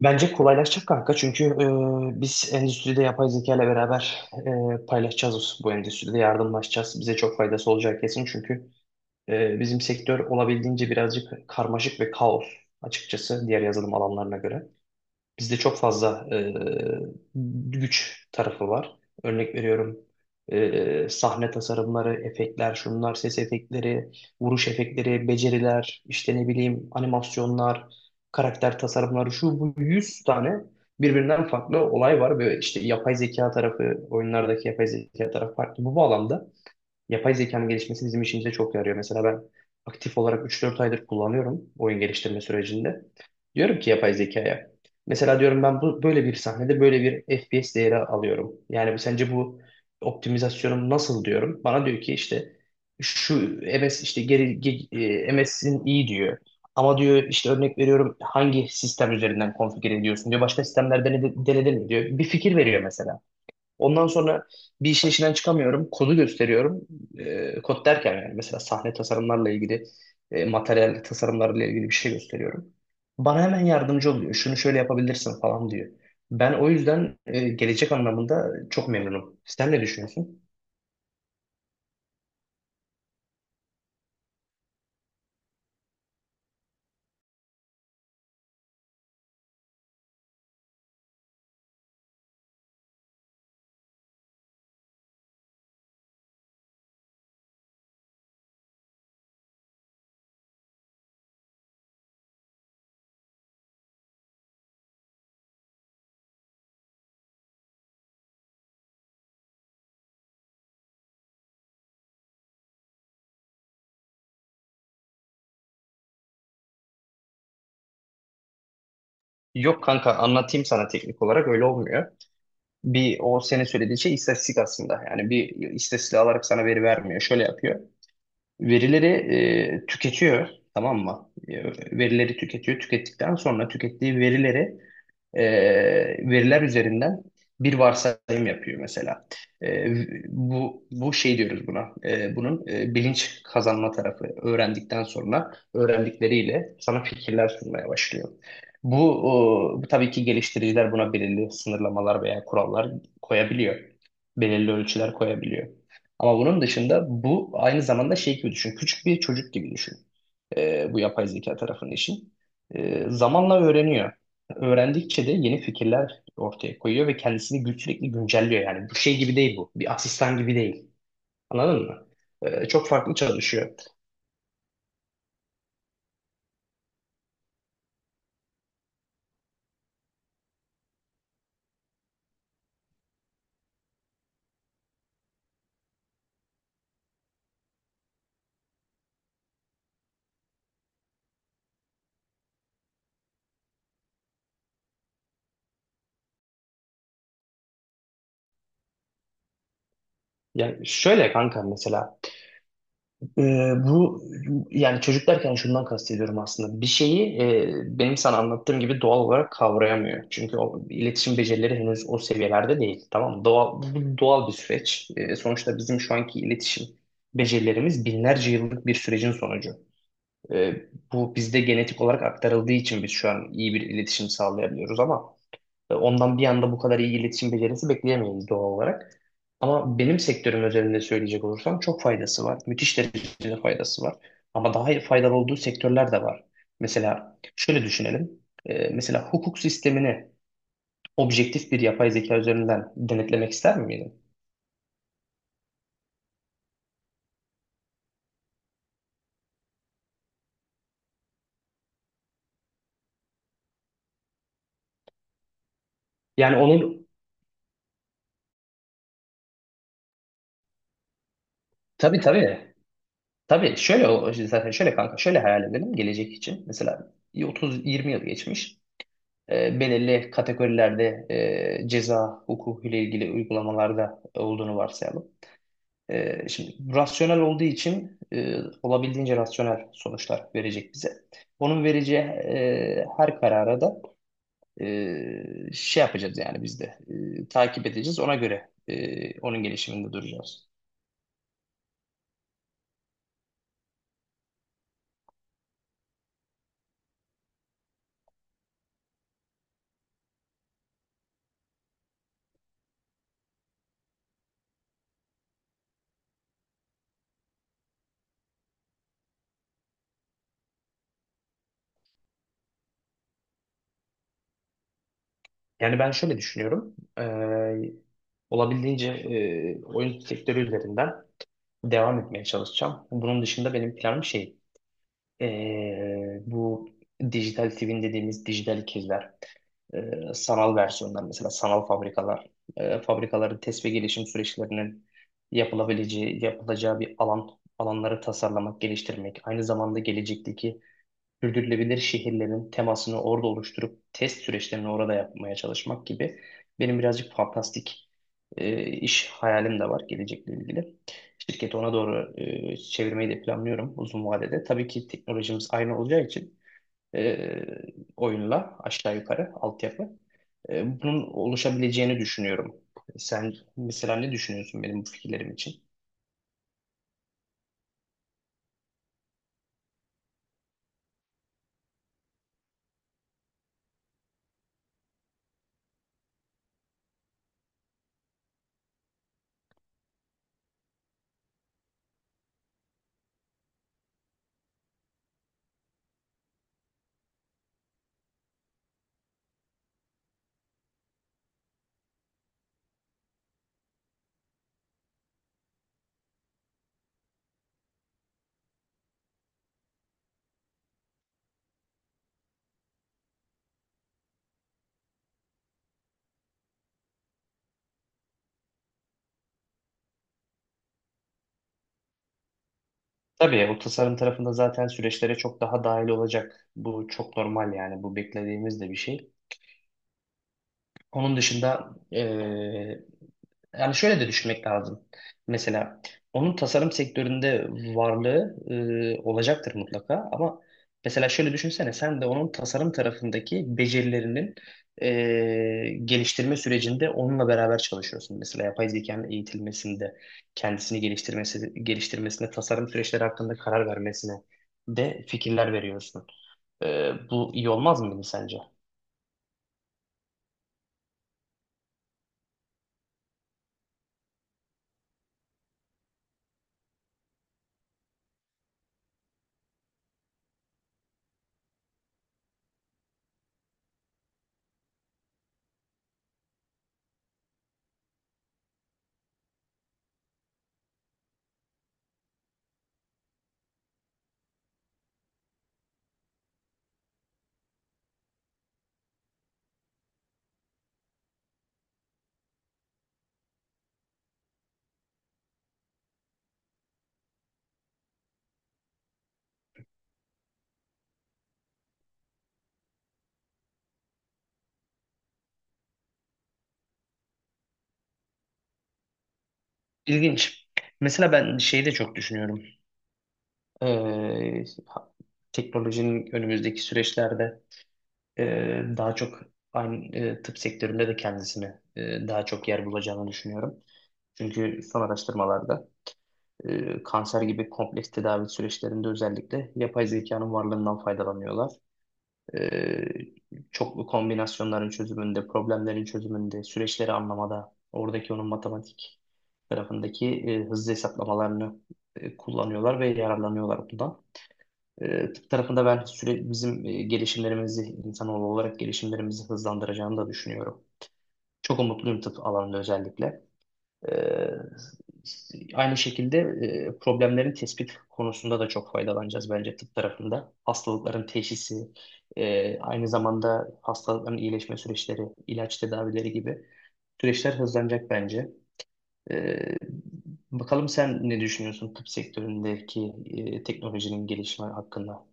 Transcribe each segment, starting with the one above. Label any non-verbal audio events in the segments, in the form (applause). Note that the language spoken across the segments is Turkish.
Bence kolaylaşacak kanka çünkü biz endüstride yapay zeka ile beraber paylaşacağız bu endüstride yardımlaşacağız. Bize çok faydası olacak kesin çünkü bizim sektör olabildiğince birazcık karmaşık ve kaos açıkçası diğer yazılım alanlarına göre. Bizde çok fazla güç tarafı var. Örnek veriyorum sahne tasarımları, efektler, şunlar, ses efektleri, vuruş efektleri, beceriler, işte ne bileyim animasyonlar, karakter tasarımları, şu bu 100 tane birbirinden farklı olay var. Ve işte yapay zeka tarafı, oyunlardaki yapay zeka tarafı farklı. Bu bağlamda yapay zekanın gelişmesi bizim işimize çok yarıyor. Mesela ben aktif olarak üç dört aydır kullanıyorum oyun geliştirme sürecinde. Diyorum ki yapay zekaya. Mesela diyorum ben bu böyle bir sahnede böyle bir FPS değeri alıyorum. Yani sence bu optimizasyonum nasıl diyorum. Bana diyor ki işte şu MS işte MS'in iyi diyor. Ama diyor işte örnek veriyorum hangi sistem üzerinden konfigüre ediyorsun diyor. Başka sistemlerde denedin mi diyor. Bir fikir veriyor mesela. Ondan sonra bir işin içinden çıkamıyorum. Kodu gösteriyorum. Kod derken yani mesela sahne tasarımlarla ilgili, materyal tasarımlarla ilgili bir şey gösteriyorum. Bana hemen yardımcı oluyor. Şunu şöyle yapabilirsin falan diyor. Ben o yüzden gelecek anlamında çok memnunum. Sen ne düşünüyorsun? Yok kanka anlatayım sana teknik olarak öyle olmuyor. Bir o senin söylediğin şey istatistik aslında. Yani bir istatistik alarak sana veri vermiyor. Şöyle yapıyor. Verileri tüketiyor, tamam mı? Verileri tüketiyor. Tükettikten sonra tükettiği verileri e, veriler üzerinden bir varsayım yapıyor mesela. E, Bu bu şey diyoruz buna. Bunun bilinç kazanma tarafı öğrendikten sonra öğrendikleriyle sana fikirler sunmaya başlıyor. Bu, bu tabii ki geliştiriciler buna belirli sınırlamalar veya kurallar koyabiliyor. Belirli ölçüler koyabiliyor. Ama bunun dışında bu aynı zamanda şey gibi düşün. Küçük bir çocuk gibi düşün. Bu yapay zeka tarafının işi. Zamanla öğreniyor öğrendikçe de yeni fikirler ortaya koyuyor ve kendisini sürekli güncelliyor. Yani bu şey gibi değil bu. Bir asistan gibi değil. Anladın mı? Çok farklı çalışıyor. Yani şöyle kanka mesela e, bu yani çocuk derken şundan kastediyorum aslında. Bir şeyi benim sana anlattığım gibi doğal olarak kavrayamıyor. Çünkü o iletişim becerileri henüz o seviyelerde değil. Tamam mı? Doğal, bu doğal bir süreç. Sonuçta bizim şu anki iletişim becerilerimiz binlerce yıllık bir sürecin sonucu. E, Bu bizde genetik olarak aktarıldığı için biz şu an iyi bir iletişim sağlayabiliyoruz ama ondan bir anda bu kadar iyi iletişim becerisi bekleyemeyiz doğal olarak. Ama benim sektörüm özelinde söyleyecek olursam çok faydası var. Müthiş derecede faydası var. Ama daha faydalı olduğu sektörler de var. Mesela şöyle düşünelim. Mesela hukuk sistemini objektif bir yapay zeka üzerinden denetlemek ister miydin? Yani onun tabii, tabii. Tabii şöyle zaten şöyle kanka şöyle hayal edelim gelecek için. Mesela 30-20 yıl geçmiş. Belirli kategorilerde ceza hukuku ile ilgili uygulamalarda olduğunu varsayalım. Şimdi rasyonel olduğu için olabildiğince rasyonel sonuçlar verecek bize. Onun vereceği her karara da şey yapacağız yani biz de takip edeceğiz. Ona göre onun gelişiminde duracağız. Yani ben şöyle düşünüyorum. Olabildiğince oyun sektörü üzerinden devam etmeye çalışacağım. Bunun dışında benim planım şey. Bu dijital twin dediğimiz dijital ikizler, sanal versiyonlar mesela sanal fabrikalar, fabrikaların test ve gelişim süreçlerinin yapılabileceği, yapılacağı bir alan, alanları tasarlamak, geliştirmek, aynı zamanda gelecekteki sürdürülebilir şehirlerin temasını orada oluşturup test süreçlerini orada yapmaya çalışmak gibi benim birazcık fantastik iş hayalim de var gelecekle ilgili. Şirketi ona doğru çevirmeyi de planlıyorum uzun vadede. Tabii ki teknolojimiz aynı olacağı için e, oyunla aşağı yukarı altyapı. Bunun oluşabileceğini düşünüyorum. Sen mesela ne düşünüyorsun benim bu fikirlerim için? Tabii o tasarım tarafında zaten süreçlere çok daha dahil olacak. Bu çok normal yani bu beklediğimiz de bir şey. Onun dışında yani şöyle de düşünmek lazım. Mesela onun tasarım sektöründe varlığı olacaktır mutlaka ama mesela şöyle düşünsene sen de onun tasarım tarafındaki becerilerinin geliştirme sürecinde onunla beraber çalışıyorsun. Mesela yapay zekanın eğitilmesinde, kendisini geliştirmesine, tasarım süreçleri hakkında karar vermesine de fikirler veriyorsun. Bu iyi olmaz mıydı sence? İlginç. Mesela ben şeyi de çok düşünüyorum. Ee, Teknolojinin önümüzdeki süreçlerde daha çok aynı tıp sektöründe de kendisine daha çok yer bulacağını düşünüyorum. Çünkü son araştırmalarda kanser gibi kompleks tedavi süreçlerinde özellikle yapay zekanın varlığından faydalanıyorlar. E, Çoklu kombinasyonların çözümünde, problemlerin çözümünde, süreçleri anlamada, oradaki onun matematik tarafındaki hızlı hesaplamalarını kullanıyorlar ve yararlanıyorlar bundan. Tıp tarafında ben sürekli bizim gelişimlerimizi, insanoğlu olarak gelişimlerimizi hızlandıracağını da düşünüyorum. Çok umutluyum tıp alanında özellikle. E, Aynı şekilde problemlerin tespit konusunda da çok faydalanacağız bence tıp tarafında. Hastalıkların teşhisi, aynı zamanda hastalıkların iyileşme süreçleri, ilaç tedavileri gibi süreçler hızlanacak bence. E, Bakalım sen ne düşünüyorsun tıp sektöründeki teknolojinin gelişme hakkında?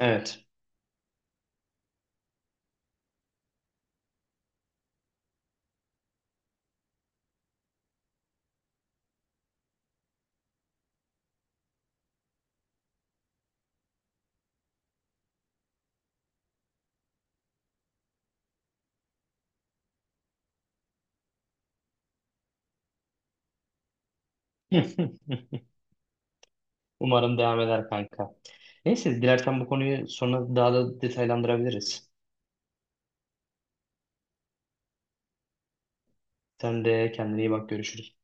Evet. (laughs) Umarım devam eder kanka. Neyse dilersen bu konuyu sonra daha da detaylandırabiliriz. Sen de kendine iyi bak, görüşürüz.